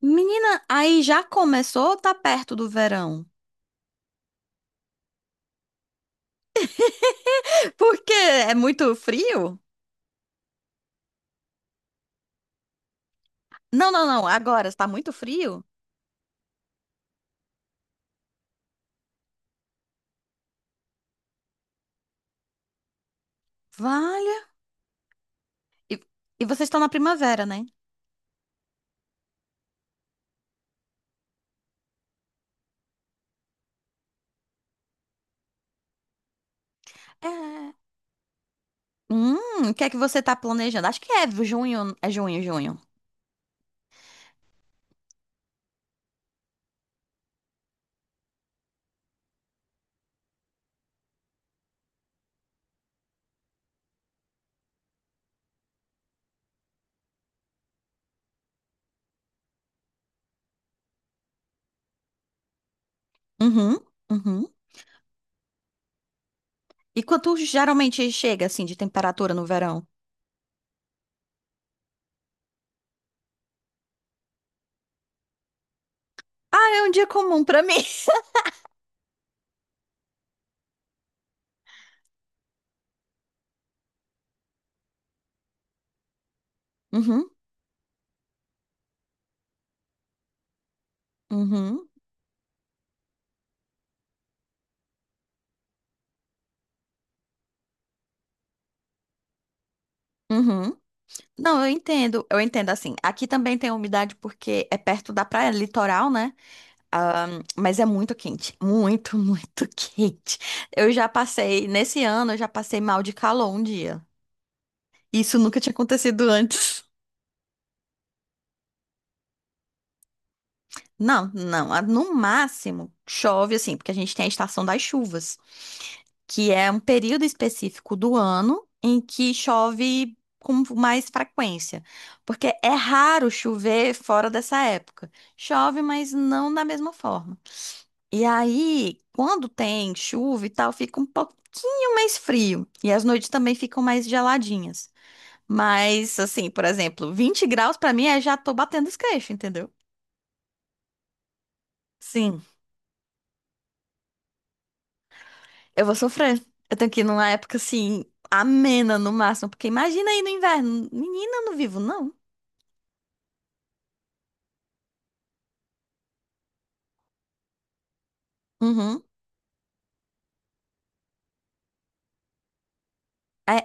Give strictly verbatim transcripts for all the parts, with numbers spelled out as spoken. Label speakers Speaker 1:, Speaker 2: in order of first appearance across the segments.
Speaker 1: Menina, aí já começou ou tá perto do verão? Porque é muito frio? Não, não, não. Agora está muito frio? Valha. E, e vocês estão na primavera, né? É. Hum, o que é que você tá planejando? Acho que é junho, é junho, junho. Uhum, uhum. E quanto geralmente chega assim de temperatura no verão? Ah, é um dia comum pra mim. Uhum, uhum, uhum. Não, eu entendo, eu entendo assim. Aqui também tem umidade porque é perto da praia, litoral, né? Ahn, mas é muito quente, muito, muito quente. Eu já passei, nesse ano, eu já passei mal de calor um dia. Isso nunca tinha acontecido antes. Não, não. ah, No máximo, chove assim, porque a gente tem a estação das chuvas, que é um período específico do ano em que chove com mais frequência. Porque é raro chover fora dessa época. Chove, mas não da mesma forma. E aí, quando tem chuva e tal, fica um pouquinho mais frio. E as noites também ficam mais geladinhas. Mas, assim, por exemplo, vinte graus pra mim é já tô batendo os queixos, entendeu? Sim, eu vou sofrer. Eu tenho que ir numa época assim, amena no máximo, porque imagina aí no inverno. Menina, eu não vivo, não. Uhum. É,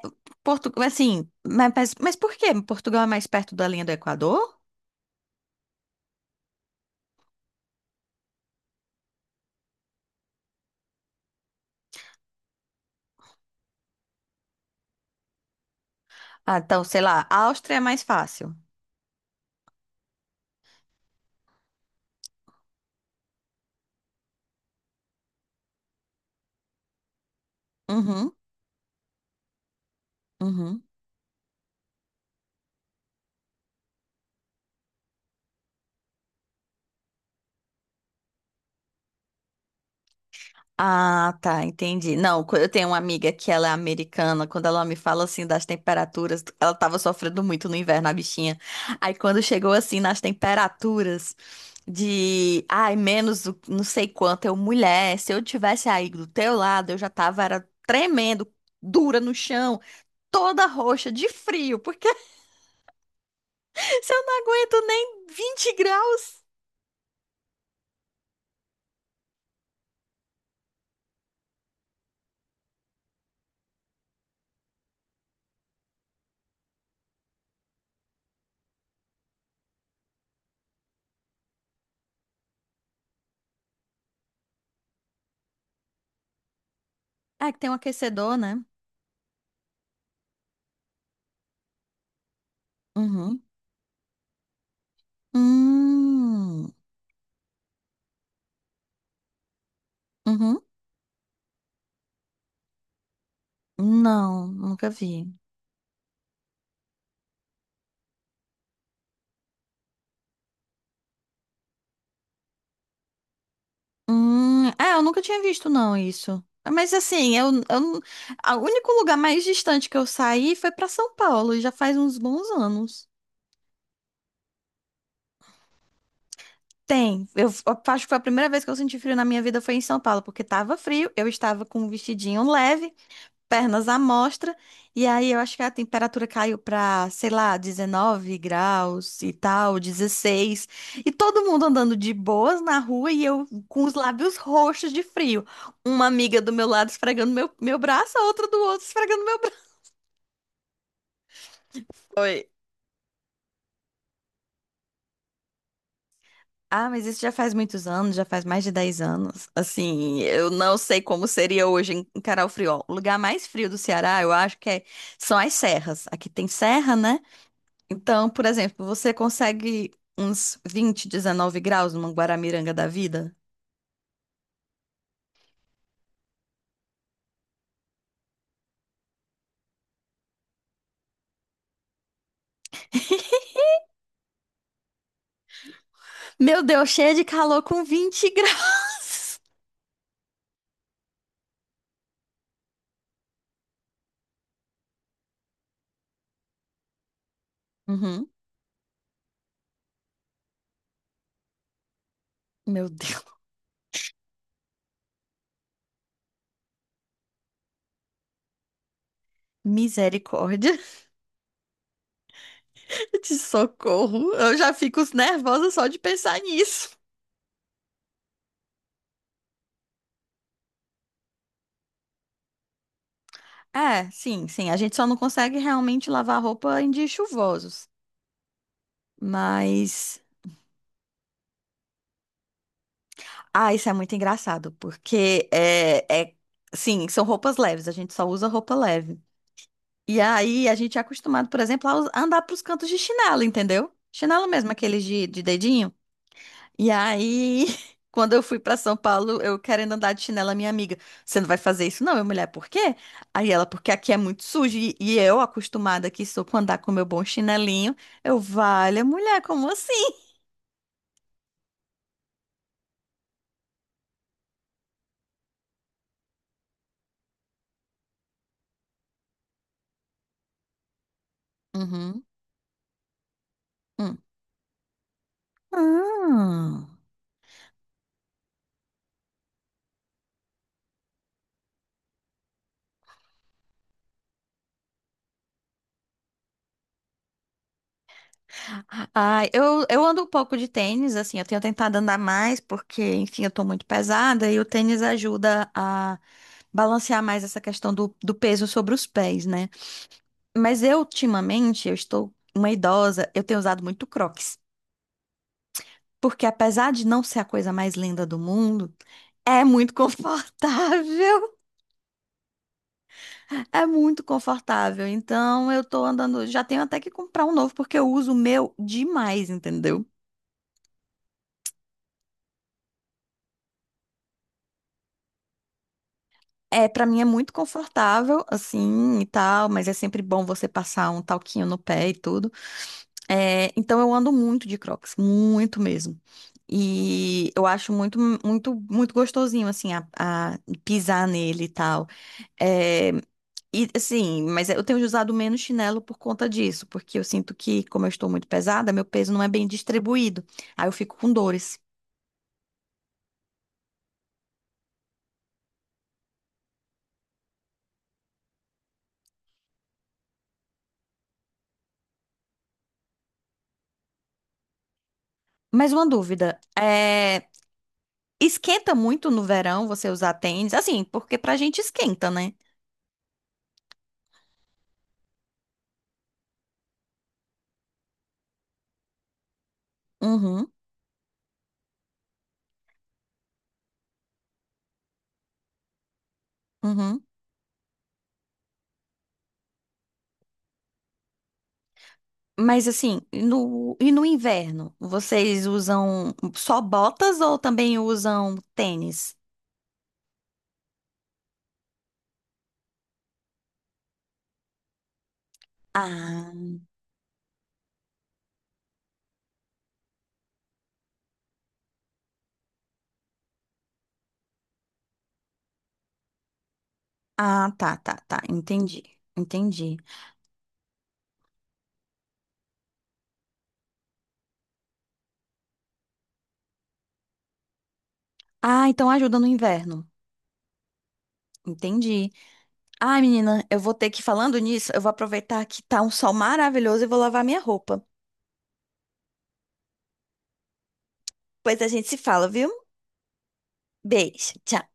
Speaker 1: Portugal, assim, mas, mas mas por quê? Portugal é mais perto da linha do Equador? Ah, então, sei lá, a Áustria é mais fácil. Uhum, uhum. Ah, tá, entendi. Não, co- eu tenho uma amiga que ela é americana. Quando ela me fala assim das temperaturas, ela tava sofrendo muito no inverno, a bichinha. Aí quando chegou assim nas temperaturas de, ai, menos o- não sei quanto, eu, mulher, se eu tivesse aí do teu lado, eu já tava era tremendo, dura no chão, toda roxa de frio, porque se eu não aguento nem vinte graus. Ah, que tem um aquecedor, né? Uhum. Hum. Uhum. Não, nunca vi. Hum, é, eu nunca tinha visto não isso. Mas assim, eu, eu, não- a- O único lugar mais distante que eu saí foi pra São Paulo, e já faz uns bons anos. Tem, eu, f- eu acho que foi a primeira vez que eu senti frio na minha vida foi em São Paulo, porque tava frio, eu estava com um vestidinho leve, pernas à mostra. E aí eu acho que a temperatura caiu para, sei lá, dezenove graus e tal, dezesseis E todo mundo andando de boas na rua e eu com os lábios roxos de frio. Uma amiga do meu lado esfregando meu, meu braço, a outra do outro esfregando meu braço. Foi. Ah, mas isso já faz muitos anos, já faz mais de dez anos. Assim, eu não sei como seria hoje em encarar o... Ó, o lugar mais frio do Ceará, eu acho que é, são as serras. Aqui tem serra, né? Então, por exemplo, você consegue uns vinte, dezenove graus numa Guaramiranga da vida? Meu Deus, cheia de calor com vinte graus. Uhum. Meu Deus. Misericórdia de socorro. Eu já fico nervosa só de pensar nisso. É, sim, sim. A gente só não consegue realmente lavar roupa em dias chuvosos. Mas... Ah, isso é muito engraçado, porque é, é... Sim, são roupas leves. A gente só usa roupa leve. E aí a gente é acostumado, por exemplo, a us- a andar pros cantos de chinelo, entendeu? Chinelo mesmo, aqueles de, de dedinho. E aí, quando eu fui pra São Paulo, eu querendo andar de chinelo, a minha amiga, você não vai fazer isso não, minha mulher, por quê? Aí ela, porque aqui é muito sujo. E, e eu, acostumada que sou com andar com meu bom chinelinho, eu, vale, mulher, como assim? Uhum. Hum. Ah. Ah, eu, eu ando um pouco de tênis, assim, eu tenho tentado andar mais, porque, enfim, eu tô muito pesada e o tênis ajuda a balancear mais essa questão do, do peso sobre os pés, né? Mas eu, ultimamente, eu estou uma idosa, eu tenho usado muito Crocs, porque apesar de não ser a coisa mais linda do mundo, é muito confortável, é muito confortável. Então, eu tô andando, já tenho até que comprar um novo, porque eu uso o meu demais, entendeu? É, para mim é muito confortável, assim, e tal, mas é sempre bom você passar um talquinho no pé e tudo. É, então eu ando muito de Crocs, muito mesmo. E eu acho muito, muito, muito gostosinho, assim, a, a pisar nele e tal. É, e assim, mas eu tenho usado menos chinelo por conta disso, porque eu sinto que, como eu estou muito pesada, meu peso não é bem distribuído. Aí eu fico com dores. Mais uma dúvida, é, esquenta muito no verão você usar tênis, assim, porque pra gente esquenta, né? Uhum, uhum. Mas assim, no, e no inverno, vocês usam só botas ou também usam tênis? Ah, ah, tá, tá, tá. Entendi, entendi. Ah, então ajuda no inverno. Entendi. Ah, menina, eu vou ter que, falando nisso, eu vou aproveitar que tá um sol maravilhoso e vou lavar minha roupa. Pois a gente se fala, viu? Beijo, tchau.